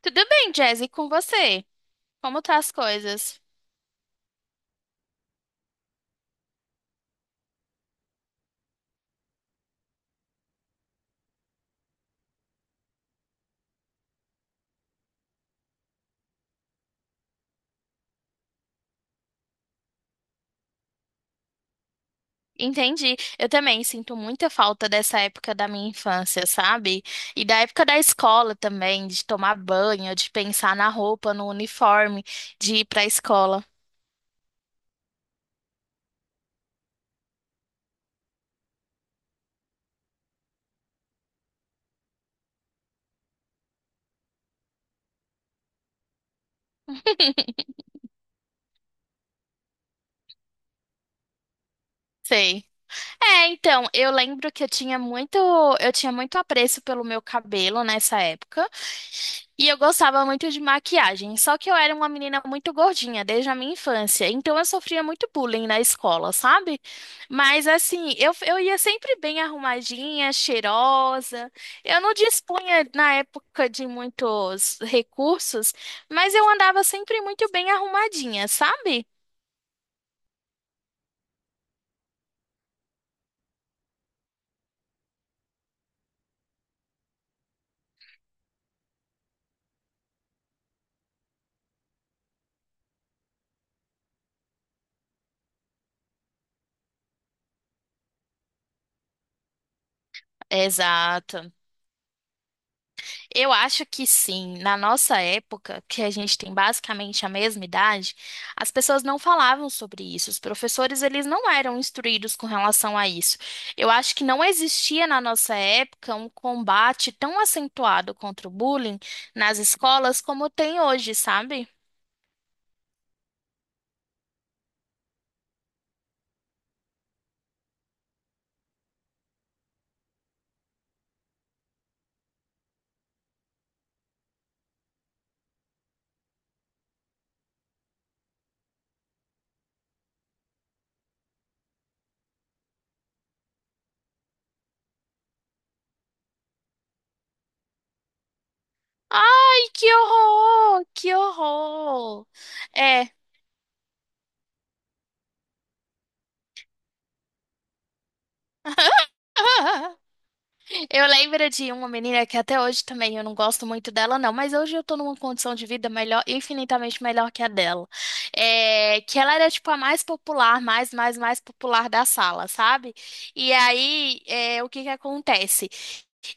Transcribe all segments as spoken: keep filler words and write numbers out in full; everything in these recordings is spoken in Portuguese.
Tudo bem, Jazzy, com você? Como tá as coisas? Entendi. Eu também sinto muita falta dessa época da minha infância, sabe? E da época da escola também, de tomar banho, de pensar na roupa, no uniforme, de ir pra escola. Sei. É, então, eu lembro que eu tinha muito, eu tinha muito apreço pelo meu cabelo nessa época. E eu gostava muito de maquiagem, só que eu era uma menina muito gordinha desde a minha infância, então eu sofria muito bullying na escola, sabe? Mas assim, eu, eu ia sempre bem arrumadinha, cheirosa. Eu não dispunha na época de muitos recursos, mas eu andava sempre muito bem arrumadinha, sabe? Exato. Eu acho que sim. Na nossa época, que a gente tem basicamente a mesma idade, as pessoas não falavam sobre isso. Os professores, eles não eram instruídos com relação a isso. Eu acho que não existia na nossa época um combate tão acentuado contra o bullying nas escolas como tem hoje, sabe? Ai, que horror! Que horror! É. Eu lembro de uma menina que até hoje também eu não gosto muito dela, não, mas hoje eu tô numa condição de vida melhor, infinitamente melhor que a dela. É, que ela era tipo a mais popular, mais, mais, mais popular da sala, sabe? E aí, é, o que que acontece?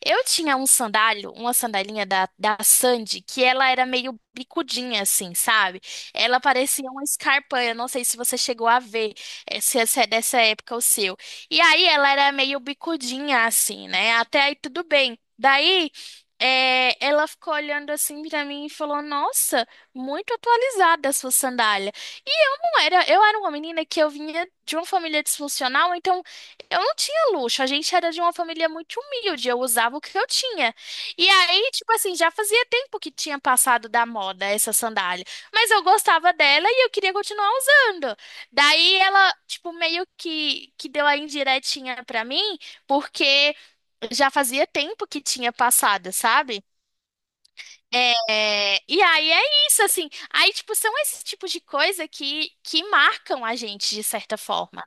Eu tinha um sandálio, uma sandalinha da, da Sandy, que ela era meio bicudinha, assim, sabe? Ela parecia uma escarpa, eu não sei se você chegou a ver, eh, se essa é dessa época o seu. E aí ela era meio bicudinha, assim, né? Até aí tudo bem. Daí, eh, ela ficou olhando assim pra mim e falou: Nossa, muito atualizada a sua sandália. E eu não era, eu era uma menina que eu vinha de uma família disfuncional, então. Eu não tinha luxo, a gente era de uma família muito humilde, eu usava o que eu tinha. E aí, tipo assim, já fazia tempo que tinha passado da moda essa sandália, mas eu gostava dela e eu queria continuar usando. Daí ela, tipo, meio que que deu a indiretinha pra mim, porque já fazia tempo que tinha passado, sabe? É, e aí é isso, assim. Aí, tipo, são esses tipos de coisa que, que marcam a gente de certa forma.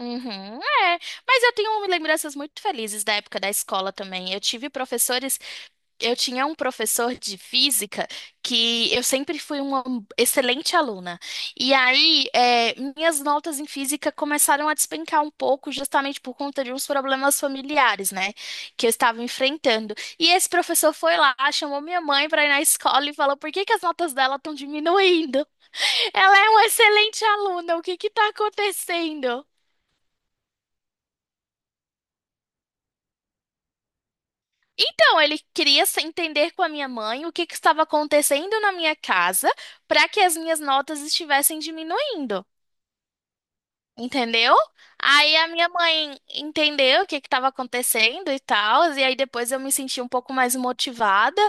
Uhum, é. Mas eu tenho lembranças muito felizes da época da escola também. Eu tive professores, eu tinha um professor de física que eu sempre fui uma excelente aluna. E aí, é, minhas notas em física começaram a despencar um pouco, justamente por conta de uns problemas familiares, né, que eu estava enfrentando. E esse professor foi lá, chamou minha mãe para ir na escola e falou: Por que que as notas dela estão diminuindo? Ela é uma excelente aluna, o que que está acontecendo? Então, ele queria se entender com a minha mãe o que que estava acontecendo na minha casa para que as minhas notas estivessem diminuindo. Entendeu? Aí a minha mãe entendeu o que que estava acontecendo e tal, e aí depois eu me senti um pouco mais motivada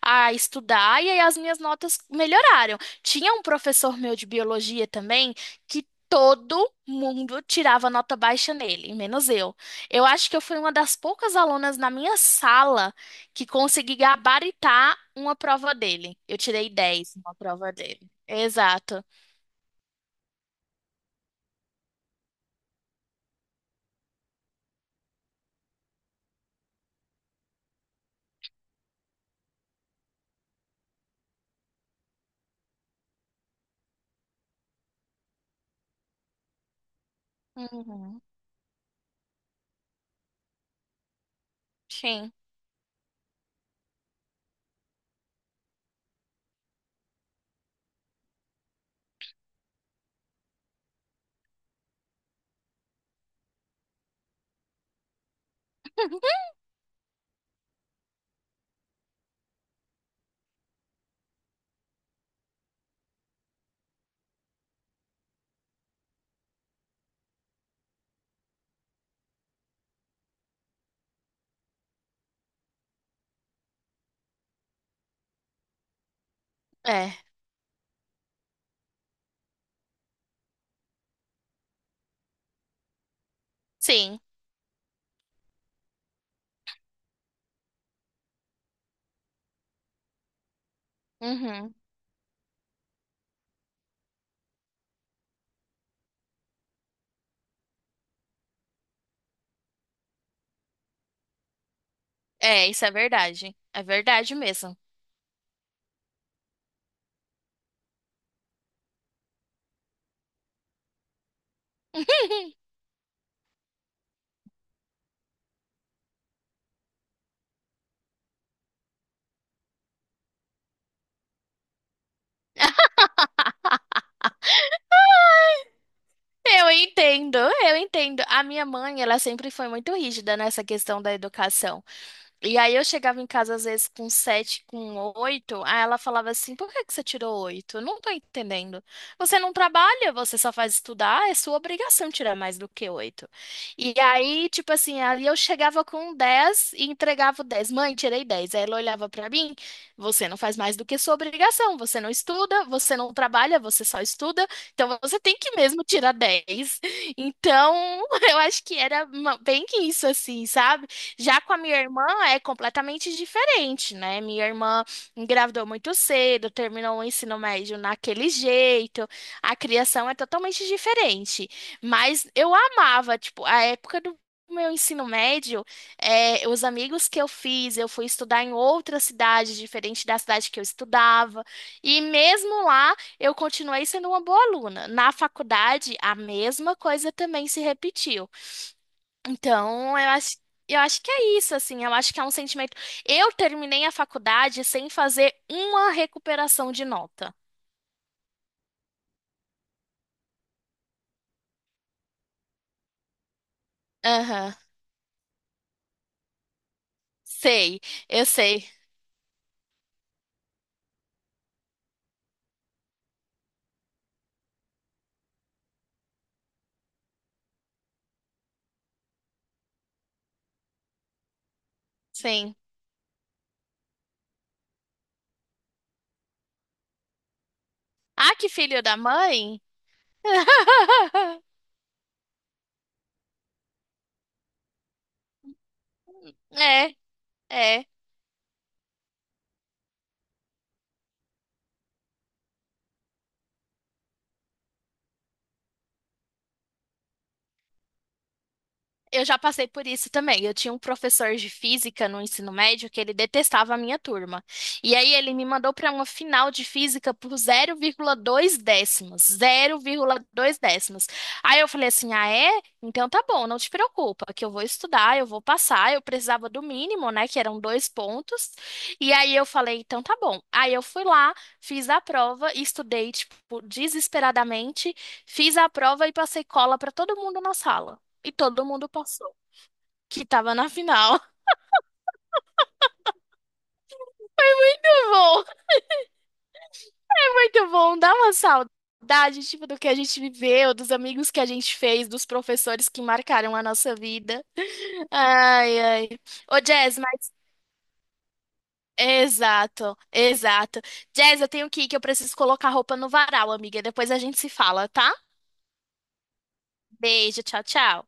a estudar, e aí as minhas notas melhoraram. Tinha um professor meu de biologia também que todo mundo tirava nota baixa nele, menos eu. Eu acho que eu fui uma das poucas alunas na minha sala que consegui gabaritar uma prova dele. Eu tirei dez numa prova dele. Exato. Uhum. Sim. É. Sim. Uhum. É, isso é verdade. É verdade mesmo. Eu entendo, eu entendo. A minha mãe, ela sempre foi muito rígida nessa questão da educação. E aí eu chegava em casa às vezes com sete, com oito, aí ela falava assim, por que que você tirou oito? Eu não tô entendendo. Você não trabalha, você só faz estudar, é sua obrigação tirar mais do que oito. E aí, tipo assim, ali eu chegava com dez e entregava o dez. Mãe, tirei dez. Aí ela olhava pra mim, você não faz mais do que sua obrigação, você não estuda, você não trabalha, você só estuda, então você tem que mesmo tirar dez. Então, eu acho que era uma- bem que isso assim, sabe? Já com a minha irmã é completamente diferente, né? Minha irmã engravidou muito cedo, terminou o ensino médio naquele jeito, a criação é totalmente diferente. Mas eu amava, tipo, a época do meu ensino médio, é, os amigos que eu fiz, eu fui estudar em outra cidade, diferente da cidade que eu estudava, e mesmo lá eu continuei sendo uma boa aluna. Na faculdade, a mesma coisa também se repetiu. Então, eu acho, eu acho que é isso, assim, eu acho que é um sentimento. Eu terminei a faculdade sem fazer uma recuperação de nota. Aham. Sei, eu sei, sim. Ah, que filho da mãe? É, é. Eu já passei por isso também. Eu tinha um professor de física no ensino médio que ele detestava a minha turma. E aí ele me mandou para uma final de física por zero vírgula dois décimos. zero vírgula dois décimos. Aí eu falei assim: ah, é? Então tá bom, não te preocupa, que eu vou estudar, eu vou passar. Eu precisava do mínimo, né? Que eram dois pontos. E aí eu falei: então tá bom. Aí eu fui lá, fiz a prova, estudei, tipo, desesperadamente, fiz a prova e passei cola para todo mundo na sala. E todo mundo passou. Que tava na final. Muito bom, muito bom. Dá uma saudade, tipo, do que a gente viveu, dos amigos que a gente fez, dos professores que marcaram a nossa vida. Ai, ai. Ô, Jazz, mas... Exato, exato. Jazz, eu tenho que ir, que eu preciso colocar roupa no varal, amiga. Depois a gente se fala, tá? Beijo, tchau, tchau.